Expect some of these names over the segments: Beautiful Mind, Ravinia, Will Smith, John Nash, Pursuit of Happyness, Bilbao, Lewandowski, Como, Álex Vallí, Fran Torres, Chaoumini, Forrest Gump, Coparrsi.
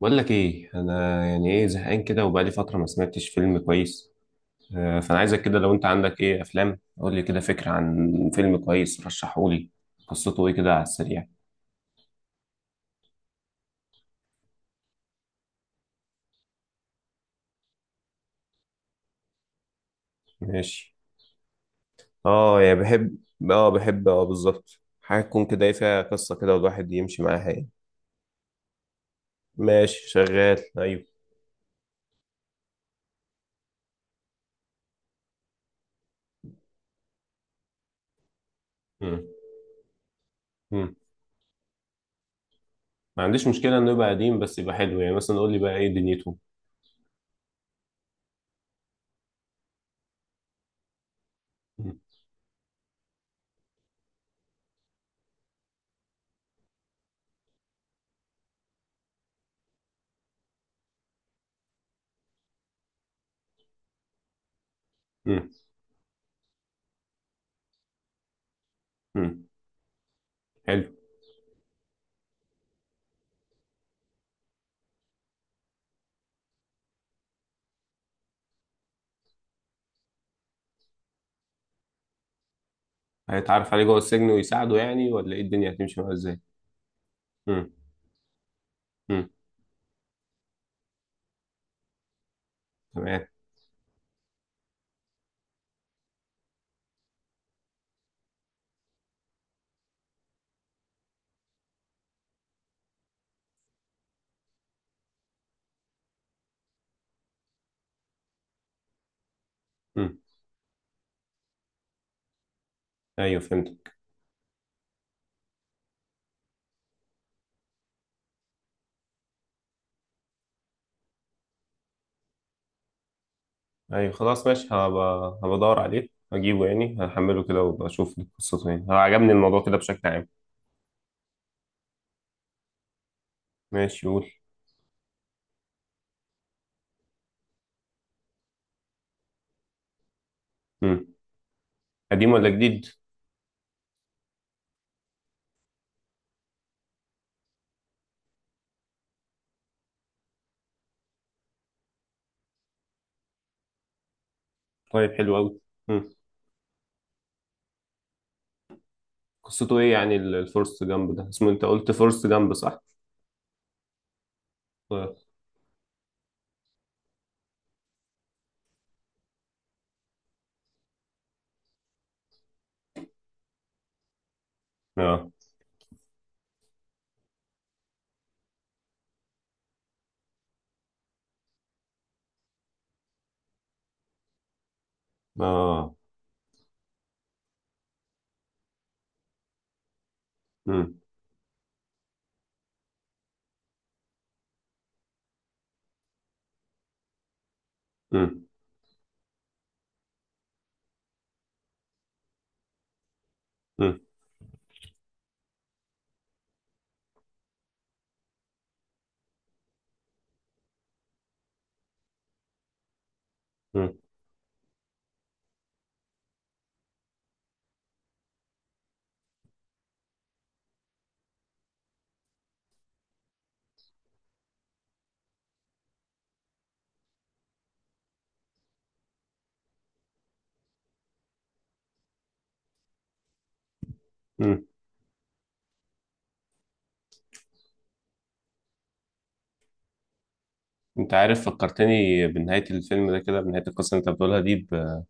بقول لك ايه، انا يعني ايه زهقان كده وبقالي فتره ما سمعتش فيلم كويس. فانا عايزك كده، لو انت عندك ايه افلام قول لي كده فكره عن فيلم كويس، رشحه لي. قصته ايه كده على السريع؟ ماشي. اه يعني بحب اه بحب، اه بالظبط، حاجة تكون كده ايه، فيها قصة كده والواحد يمشي معاها يعني. ماشي شغال، ايوه. مم. مم. ما عنديش مشكله انه يبقى قديم، بس يبقى حلو. يعني مثلا قول لي بقى ايه دنيته. مم. مم. مم. حلو. هيتعرف عليه جوه السجن ويساعده يعني، ولا ايه الدنيا هتمشي معاه ازاي؟ مم. مم. تمام. مم. ايوه فهمتك. ايوه خلاص ماشي، هبدور عليه هجيبه، يعني هحمله كده واشوف قصته. يعني هو عجبني الموضوع كده بشكل عام. ماشي قول. مم. قديم ولا جديد؟ طيب حلو قوي. قصته ايه يعني الفورست جامب ده اسمه؟ انت قلت فورست جامب صح؟ طيب. اه اه. مم. مم. مم. مم. مم. انت عارف فكرتني بنهاية الفيلم ده كده، بنهاية القصة اللي انت بتقولها دي،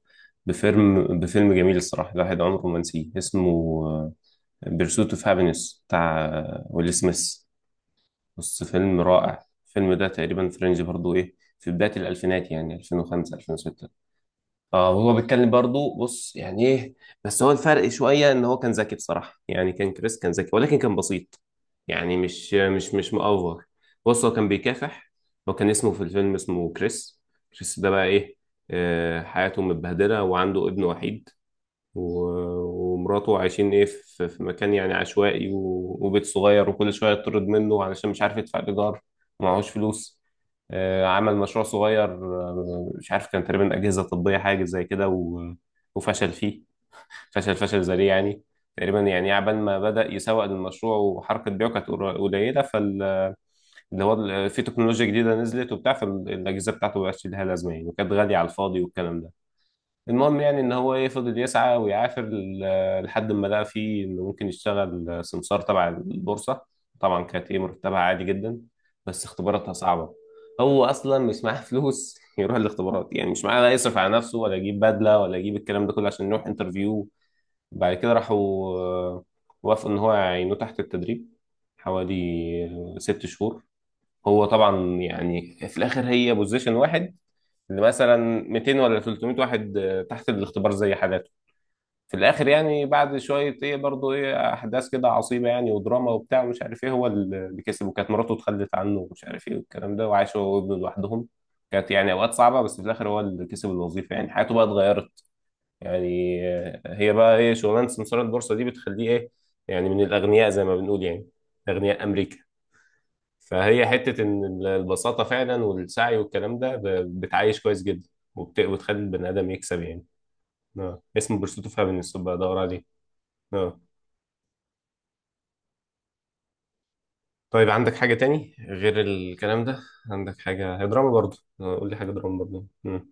بفيلم جميل الصراحة، الواحد عمره ما نسيه. اسمه بيرسوت اوف هابينس بتاع ويل سميث. بص فيلم رائع الفيلم ده، تقريبا فرنج برضو ايه في بداية الألفينات، يعني 2005 2006. اه وهو بيتكلم برضو، بص يعني ايه، بس هو الفرق شوية ان هو كان ذكي بصراحة. يعني كان كريس كان ذكي، ولكن كان بسيط. يعني مش مأفور. بص هو كان بيكافح. هو كان اسمه في الفيلم اسمه كريس. كريس ده بقى ايه، حياته متبهدلة وعنده ابن وحيد، ومراته عايشين ايه في في مكان يعني عشوائي، وبيت صغير، وكل شويه يطرد منه علشان مش عارف يدفع الايجار. ومعهوش فلوس. عمل مشروع صغير، مش عارف كان تقريبا اجهزه طبيه حاجه زي كده، وفشل فيه. فشل ذريع يعني. تقريبا يعني عبال ما بدأ يسوق للمشروع وحركة بيعه كانت قليلة، فاللي هو في تكنولوجيا جديدة نزلت وبتاع، فالأجهزة بتاعته مبقاش لها لازمة يعني، وكانت غالية على الفاضي والكلام ده. المهم يعني ان هو ايه، فضل يسعى ويعافر لحد ما لقى فيه انه ممكن يشتغل سمسار تبع البورصه. طبعا كانت ايه مرتبها عادي جدا، بس اختباراتها صعبه. هو اصلا مش معاه فلوس يروح الاختبارات يعني، مش معاه لا يصرف على نفسه، ولا يجيب بدله، ولا يجيب الكلام ده كله عشان يروح انترفيو. بعد كده راحوا، آه، وافقوا ان هو يعينوه تحت التدريب حوالي ست شهور. هو طبعا يعني في الاخر هي بوزيشن واحد، اللي مثلا 200 ولا 300 واحد تحت الاختبار زي حالاته. في الاخر يعني بعد شويه ايه برضه ايه احداث كده عصيبه يعني ودراما وبتاع ومش عارف ايه، هو اللي كسب، وكانت مراته اتخلت عنه ومش عارف ايه والكلام ده، وعاش هو وابنه لوحدهم. كانت يعني اوقات صعبه، بس في الاخر هو اللي كسب الوظيفه، يعني حياته بقى اتغيرت. يعني هي بقى ايه شغلانه سمسار البورصه دي بتخليه ايه، يعني من الاغنياء زي ما بنقول يعني، اغنياء امريكا. فهي حتة إن البساطة فعلا والسعي والكلام ده بتعيش كويس جدا، وبتخلي البني آدم يكسب يعني. اه اسمه برستو فابن بقى أدور عليه. اه طيب عندك حاجة تاني غير الكلام ده؟ عندك حاجة هي دراما برضه؟ قول لي حاجة دراما برضه. مم.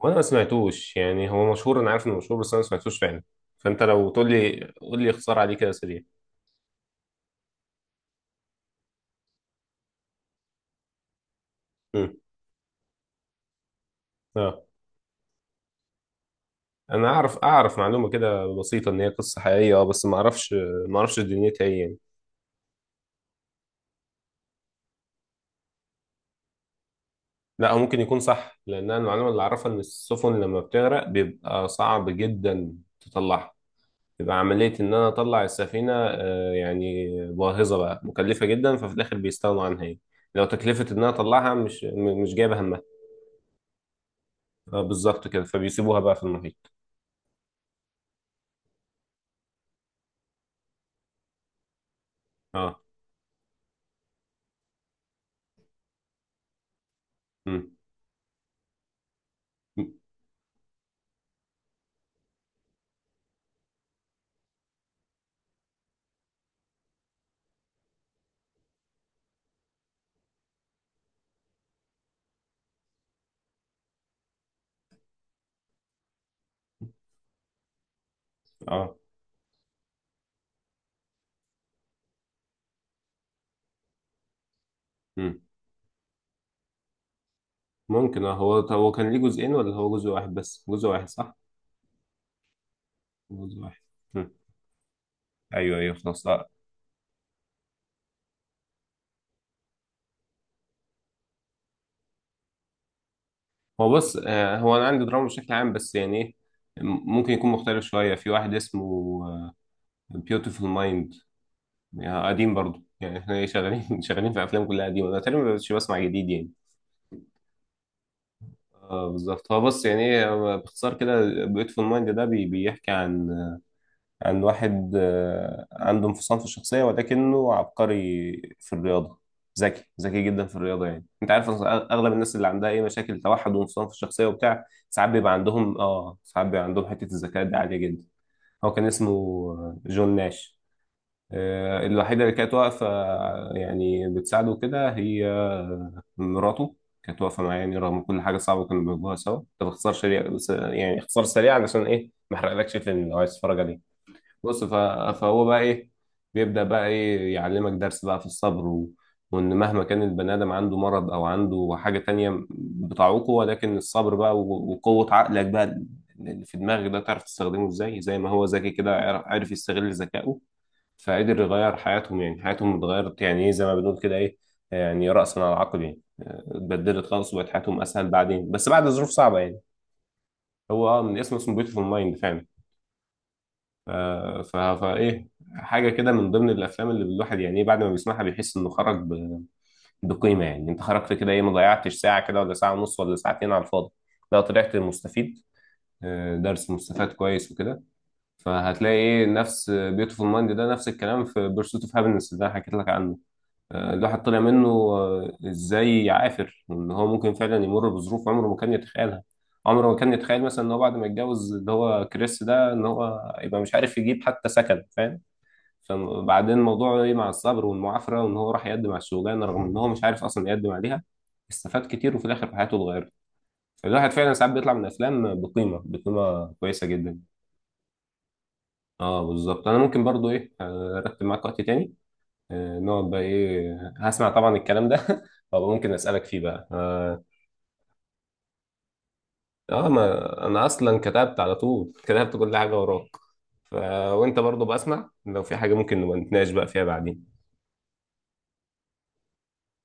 وأنا ما سمعتوش يعني، هو مشهور، أنا عارف إنه مشهور، بس أنا ما سمعتوش فعلا. فأنت لو تقول لي قول لي اختصار عليه كده سريع. مم. اه أنا أعرف، أعرف معلومة كده بسيطة إن هي قصة حقيقية، أه بس ما أعرفش. ما أعرفش دنيتها إيه يعني. لا هو ممكن يكون صح، لان انا المعلومه اللي اعرفها ان السفن لما بتغرق بيبقى صعب جدا تطلعها. بيبقى عمليه ان انا اطلع السفينه يعني باهظه بقى، مكلفه جدا، ففي الاخر بيستغنوا عنها يعني. لو تكلفه ان انا اطلعها مش مش جايبه همها. بالظبط كده، فبيسيبوها بقى في المحيط. اه. امم. اه. امم. ممكن اه. هو هو كان ليه جزئين ولا هو جزء واحد بس؟ جزء واحد صح؟ جزء واحد. مم. ايوه ايوه خلاص. هو بص، هو انا عندي دراما بشكل عام، بس يعني ايه، ممكن يكون مختلف شويه. في واحد اسمه بيوتيفول مايند. يعني قديم برضو، يعني احنا ايه شغالين شغالين في افلام كلها قديمه، انا تقريبا ما بقتش بسمع جديد يعني. اه بالظبط. هو بص يعني ايه، هو باختصار كده بيوتيفول مايند ده بيحكي عن، عن واحد عنده انفصام في الشخصية ولكنه عبقري في الرياضة. ذكي ذكي جدا في الرياضة. يعني انت عارف أصلاً اغلب الناس اللي عندها اي مشاكل توحد وانفصام في الشخصية وبتاع، ساعات بيبقى عندهم اه، ساعات بيبقى عندهم حتة الذكاء دي عالية جدا. هو كان اسمه جون ناش. الوحيدة اللي كانت واقفة يعني بتساعده كده، هي مراته. كانت واقفة معاه يعني رغم كل حاجة صعبة كانوا بيواجهوها سوا. ده باختصار سريع يعني، اختصار سريع علشان ايه ما احرقلكش الفيلم لو عايز تتفرج عليه. بص فهو بقى ايه، بيبدأ بقى ايه يعلمك درس بقى في الصبر وان مهما كان البني ادم عنده مرض او عنده حاجة تانية بتعوقه، ولكن الصبر بقى وقوة عقلك بقى اللي في دماغك ده، تعرف تستخدمه ازاي. زي ما هو ذكي كده، عرف يستغل ذكائه، فقدر يغير حياتهم. يعني حياتهم اتغيرت يعني ايه، زي ما بنقول كده ايه، يعني رأسا على عقب، يعني اتبدلت خالص، وبقت حياتهم اسهل بعدين، بس بعد ظروف صعبة يعني. هو من اسمه، اسمه بيوتيفول مايند فعلا. فايه، حاجه كده من ضمن الافلام اللي الواحد يعني ايه بعد ما بيسمعها بيحس انه خرج بقيمه. يعني انت خرجت كده ايه، ما ضيعتش ساعه كده، ولا ساعه ونص، ولا ساعتين على الفاضي، لا طلعت مستفيد. درس مستفاد كويس وكده. فهتلاقي ايه نفس بيوتيفول مايند ده، نفس الكلام في بيرسوت اوف هابينس اللي انا حكيت لك عنه. الواحد طلع منه ازاي عافر، ان هو ممكن فعلا يمر بظروف عمره ما كان يتخيلها. عمره ما كان يتخيل مثلا ان هو بعد ما يتجوز، اللي هو كريس ده، ان هو يبقى مش عارف يجيب حتى سكن، فاهم؟ فبعدين موضوعه ايه مع الصبر والمعافرة، وان هو راح يقدم على الشغلانة رغم ان هو مش عارف اصلا يقدم عليها. استفاد كتير، وفي الاخر حياته اتغيرت. فالواحد فعلا ساعات بيطلع من افلام بقيمة كويسة جدا. اه بالظبط. انا ممكن برضو ايه ارتب معاك وقت تاني، نقعد بقى ايه، هسمع طبعا الكلام ده وابقى ممكن اسالك فيه بقى اه. ما انا اصلا كتبت على طول، كتبت كل حاجة وراك. ف... وانت برضو بسمع، لو في حاجة ممكن نبقى نتناقش بقى فيها بعدين.